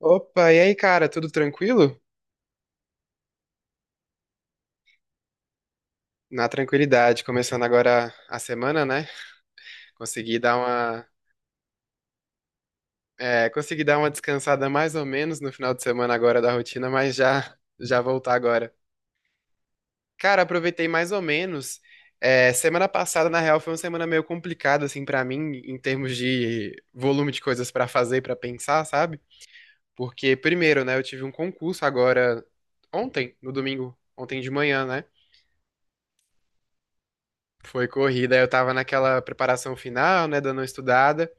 Opa, e aí, cara, tudo tranquilo? Na tranquilidade, começando agora a semana, né? Consegui dar uma, consegui dar uma descansada mais ou menos no final de semana agora da rotina, mas já já voltar agora. Cara, aproveitei mais ou menos. É, semana passada, na real, foi uma semana meio complicada assim pra mim em termos de volume de coisas pra fazer, pra pensar, sabe? Porque primeiro, né, eu tive um concurso agora ontem, no domingo, ontem de manhã, né? Foi corrida, eu tava naquela preparação final, né, dando uma estudada.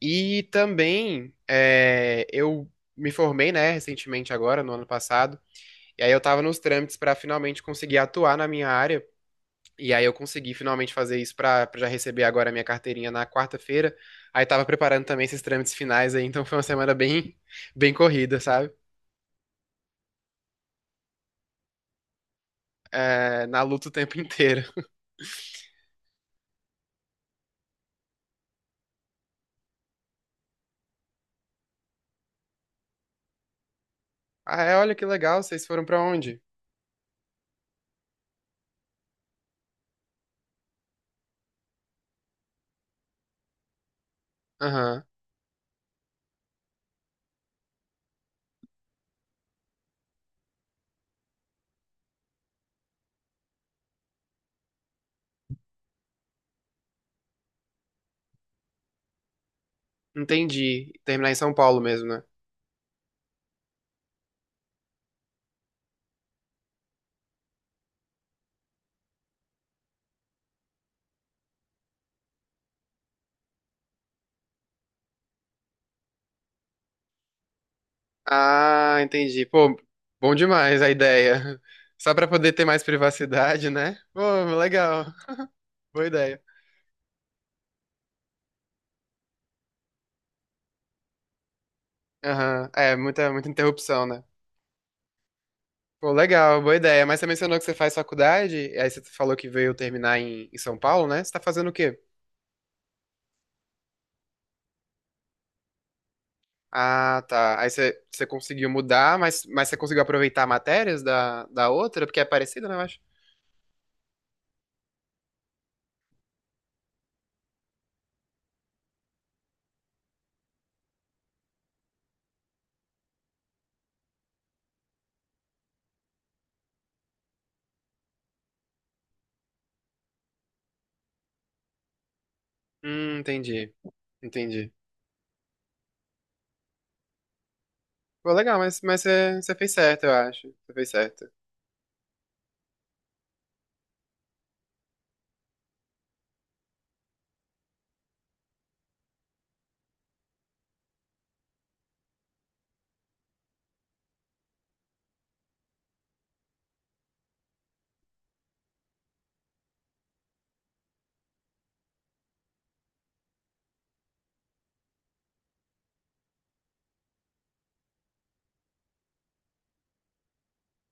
E também eu me formei, né, recentemente agora, no ano passado. E aí eu tava nos trâmites pra finalmente conseguir atuar na minha área. E aí eu consegui finalmente fazer isso pra já receber agora a minha carteirinha na quarta-feira. Aí tava preparando também esses trâmites finais aí, então foi uma semana bem, bem corrida, sabe? É, na luta o tempo inteiro. Ah, é, olha que legal, vocês foram pra onde? Aham, entendi. Terminar em São Paulo mesmo, né? Ah, entendi. Pô, bom demais a ideia. Só pra poder ter mais privacidade, né? Pô, legal. Boa ideia. Aham. É, muita, muita interrupção, né? Pô, legal, boa ideia. Mas você mencionou que você faz faculdade, e aí você falou que veio terminar em São Paulo, né? Você tá fazendo o quê? Ah, tá. Aí você conseguiu mudar, mas você conseguiu aproveitar matérias da outra? Porque é parecida, né, eu acho? Entendi. Entendi. Pô, legal, mas você fez certo, eu acho. Você fez certo.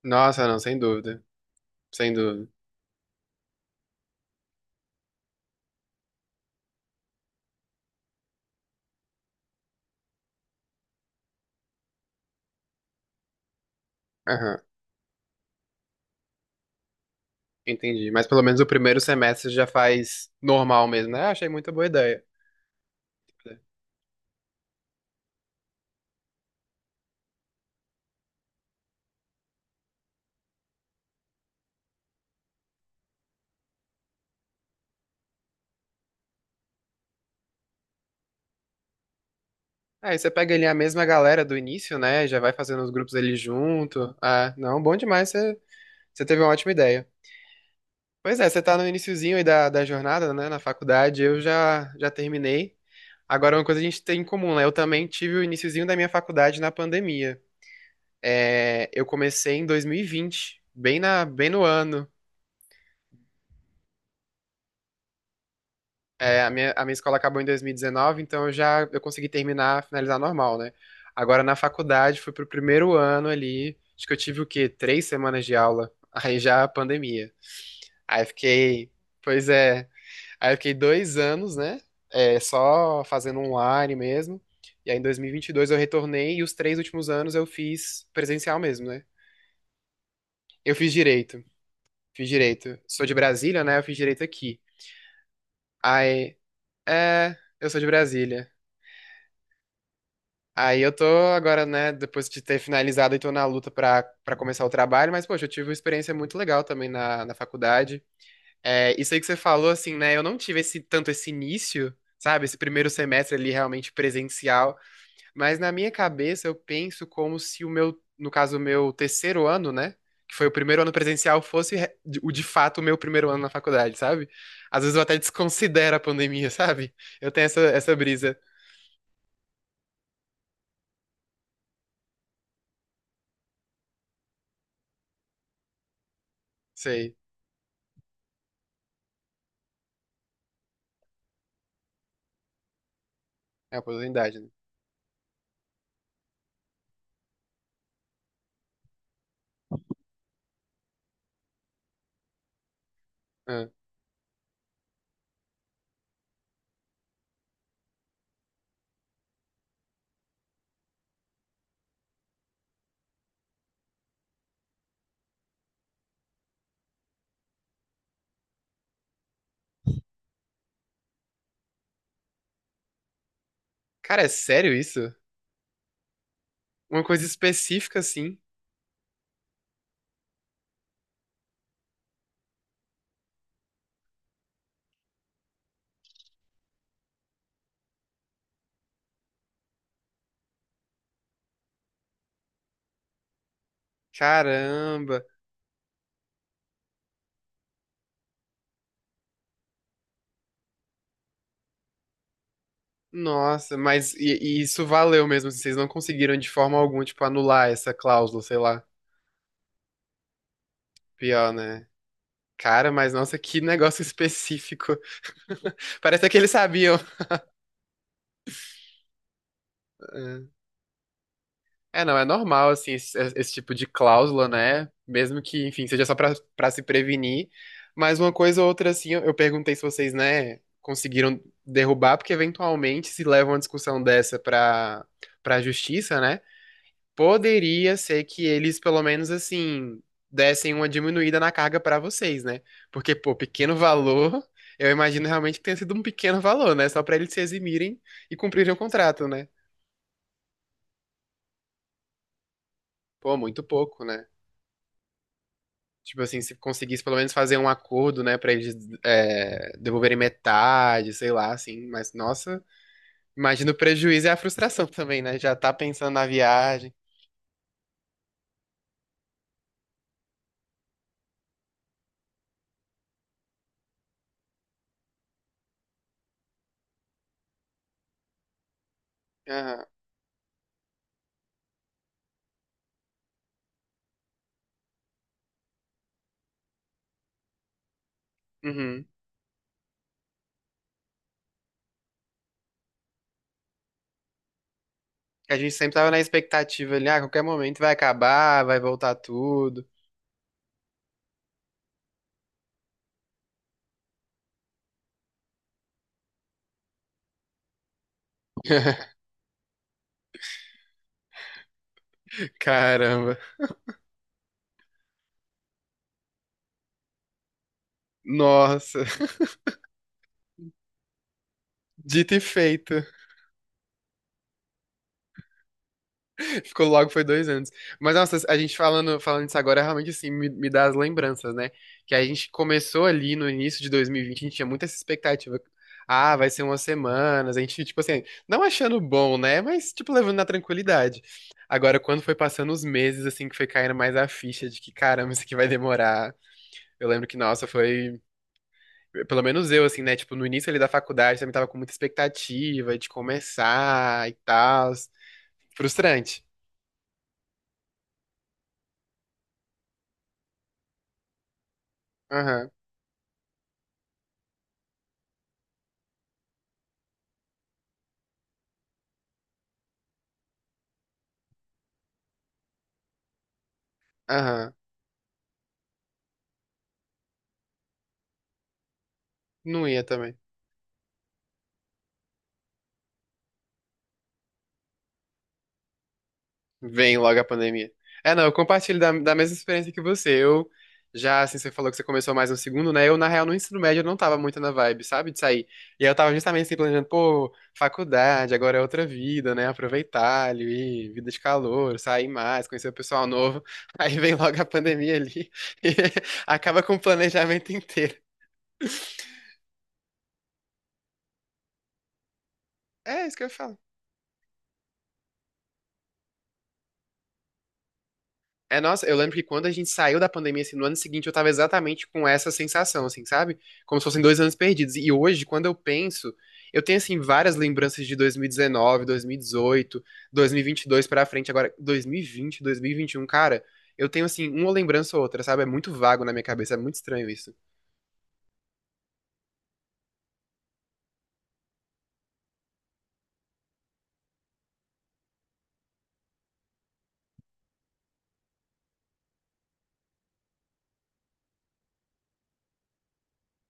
Nossa, não, sem dúvida. Sem dúvida. Aham, entendi. Mas pelo menos o primeiro semestre já faz normal mesmo, né? Ah, achei muito boa ideia. É, aí você pega ali a mesma galera do início, né? Já vai fazendo os grupos ali junto. Ah, não, bom demais, você teve uma ótima ideia. Pois é, você tá no iniciozinho aí da jornada, né? Na faculdade, eu já, já terminei. Agora, uma coisa que a gente tem em comum, né? Eu também tive o iniciozinho da minha faculdade na pandemia. É, eu comecei em 2020, bem na, bem no ano. É, a minha escola acabou em 2019, então eu já eu consegui terminar, finalizar normal, né? Agora na faculdade, fui pro primeiro ano ali, acho que eu tive o quê? Três semanas de aula, aí já a pandemia. Aí fiquei, pois é, aí eu fiquei dois anos, né? É, só fazendo online mesmo. E aí em 2022 eu retornei e os três últimos anos eu fiz presencial mesmo, né? Eu fiz direito, fiz direito. Sou de Brasília, né? Eu fiz direito aqui. Aí, é, eu sou de Brasília. Aí eu tô agora, né, depois de ter finalizado e tô na luta pra, começar o trabalho, mas, poxa, eu tive uma experiência muito legal também na faculdade. É, isso aí que você falou, assim, né, eu não tive esse tanto esse início, sabe, esse primeiro semestre ali realmente presencial, mas na minha cabeça eu penso como se o meu, no caso, o meu terceiro ano, né, que foi o primeiro ano presencial, fosse o de fato o meu primeiro ano na faculdade, sabe? Às vezes eu até desconsidero a pandemia, sabe? Eu tenho essa, brisa, sei, é a oportunidade, né? Cara, é sério isso? Uma coisa específica assim? Caramba. Nossa, mas e isso valeu mesmo, assim, vocês não conseguiram de forma alguma, tipo, anular essa cláusula, sei lá. Pior, né? Cara, mas nossa, que negócio específico. Parece que eles sabiam. É. É, não, é normal, assim, esse tipo de cláusula, né? Mesmo que, enfim, seja só pra, se prevenir. Mas uma coisa ou outra, assim, eu perguntei se vocês, né, conseguiram derrubar, porque eventualmente se leva uma discussão dessa pra justiça, né? Poderia ser que eles, pelo menos, assim, dessem uma diminuída na carga pra vocês, né? Porque, pô, pequeno valor, eu imagino realmente que tenha sido um pequeno valor, né? Só pra eles se eximirem e cumprirem o contrato, né? Pô, muito pouco, né? Tipo assim, se conseguisse pelo menos fazer um acordo, né, pra eles devolverem metade, sei lá, assim. Mas, nossa, imagina o prejuízo e a frustração também, né? Já tá pensando na viagem. Aham, uhum. A gente sempre tava na expectativa ali, ah, a qualquer momento vai acabar, vai voltar tudo. Caramba. Nossa, dito e feito. Ficou logo, foi dois anos. Mas, nossa, a gente falando, falando isso agora, realmente, assim, me dá as lembranças, né? Que a gente começou ali no início de 2020, a gente tinha muita essa expectativa. Ah, vai ser umas semanas, a gente, tipo assim, não achando bom, né? Mas, tipo, levando na tranquilidade. Agora, quando foi passando os meses, assim, que foi caindo mais a ficha de que, caramba, isso aqui vai demorar. Eu lembro que, nossa, foi. Pelo menos eu, assim, né? Tipo, no início ali da faculdade, também tava com muita expectativa de começar e tal. Frustrante. Aham. Aham. Não ia também. Vem logo a pandemia. É, não, eu compartilho da mesma experiência que você. Eu já, assim, você falou que você começou mais no segundo, né? Eu, na real, no ensino médio, eu não tava muito na vibe, sabe? De sair. E aí eu tava justamente assim, planejando, pô, faculdade, agora é outra vida, né? Aproveitar ali, vida de calor, sair mais, conhecer o pessoal novo. Aí vem logo a pandemia ali e acaba com o planejamento inteiro. É isso que eu falo. É, nossa, eu lembro que quando a gente saiu da pandemia, assim, no ano seguinte, eu tava exatamente com essa sensação, assim, sabe? Como se fossem dois anos perdidos. E hoje, quando eu penso, eu tenho, assim, várias lembranças de 2019, 2018, 2022 pra frente. Agora, 2020, 2021, cara, eu tenho, assim, uma lembrança ou outra, sabe? É muito vago na minha cabeça, é muito estranho isso.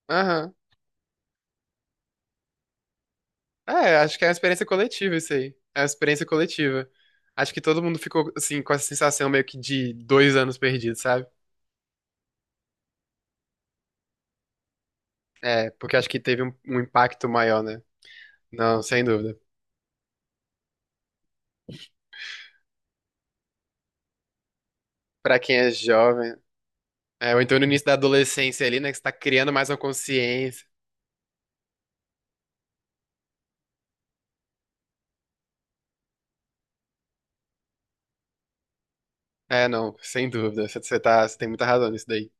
Aham. É, acho que é uma experiência coletiva isso aí. É uma experiência coletiva. Acho que todo mundo ficou, assim, com essa sensação meio que de dois anos perdidos, sabe? É, porque acho que teve um impacto maior, né? Não, sem dúvida. Pra quem é jovem, é, ou então no início da adolescência ali, né, que você tá criando mais uma consciência. É, não, sem dúvida. Você tem muita razão nisso daí.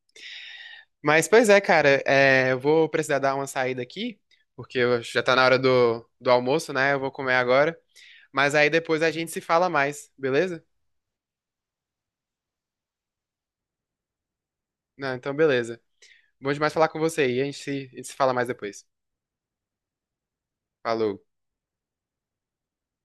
Mas, pois é, cara, eu vou precisar dar uma saída aqui, porque já tá na hora do almoço, né? Eu vou comer agora. Mas aí depois a gente se fala mais, beleza? Não, então beleza. Bom demais falar com você aí, a gente se fala mais depois. Falou.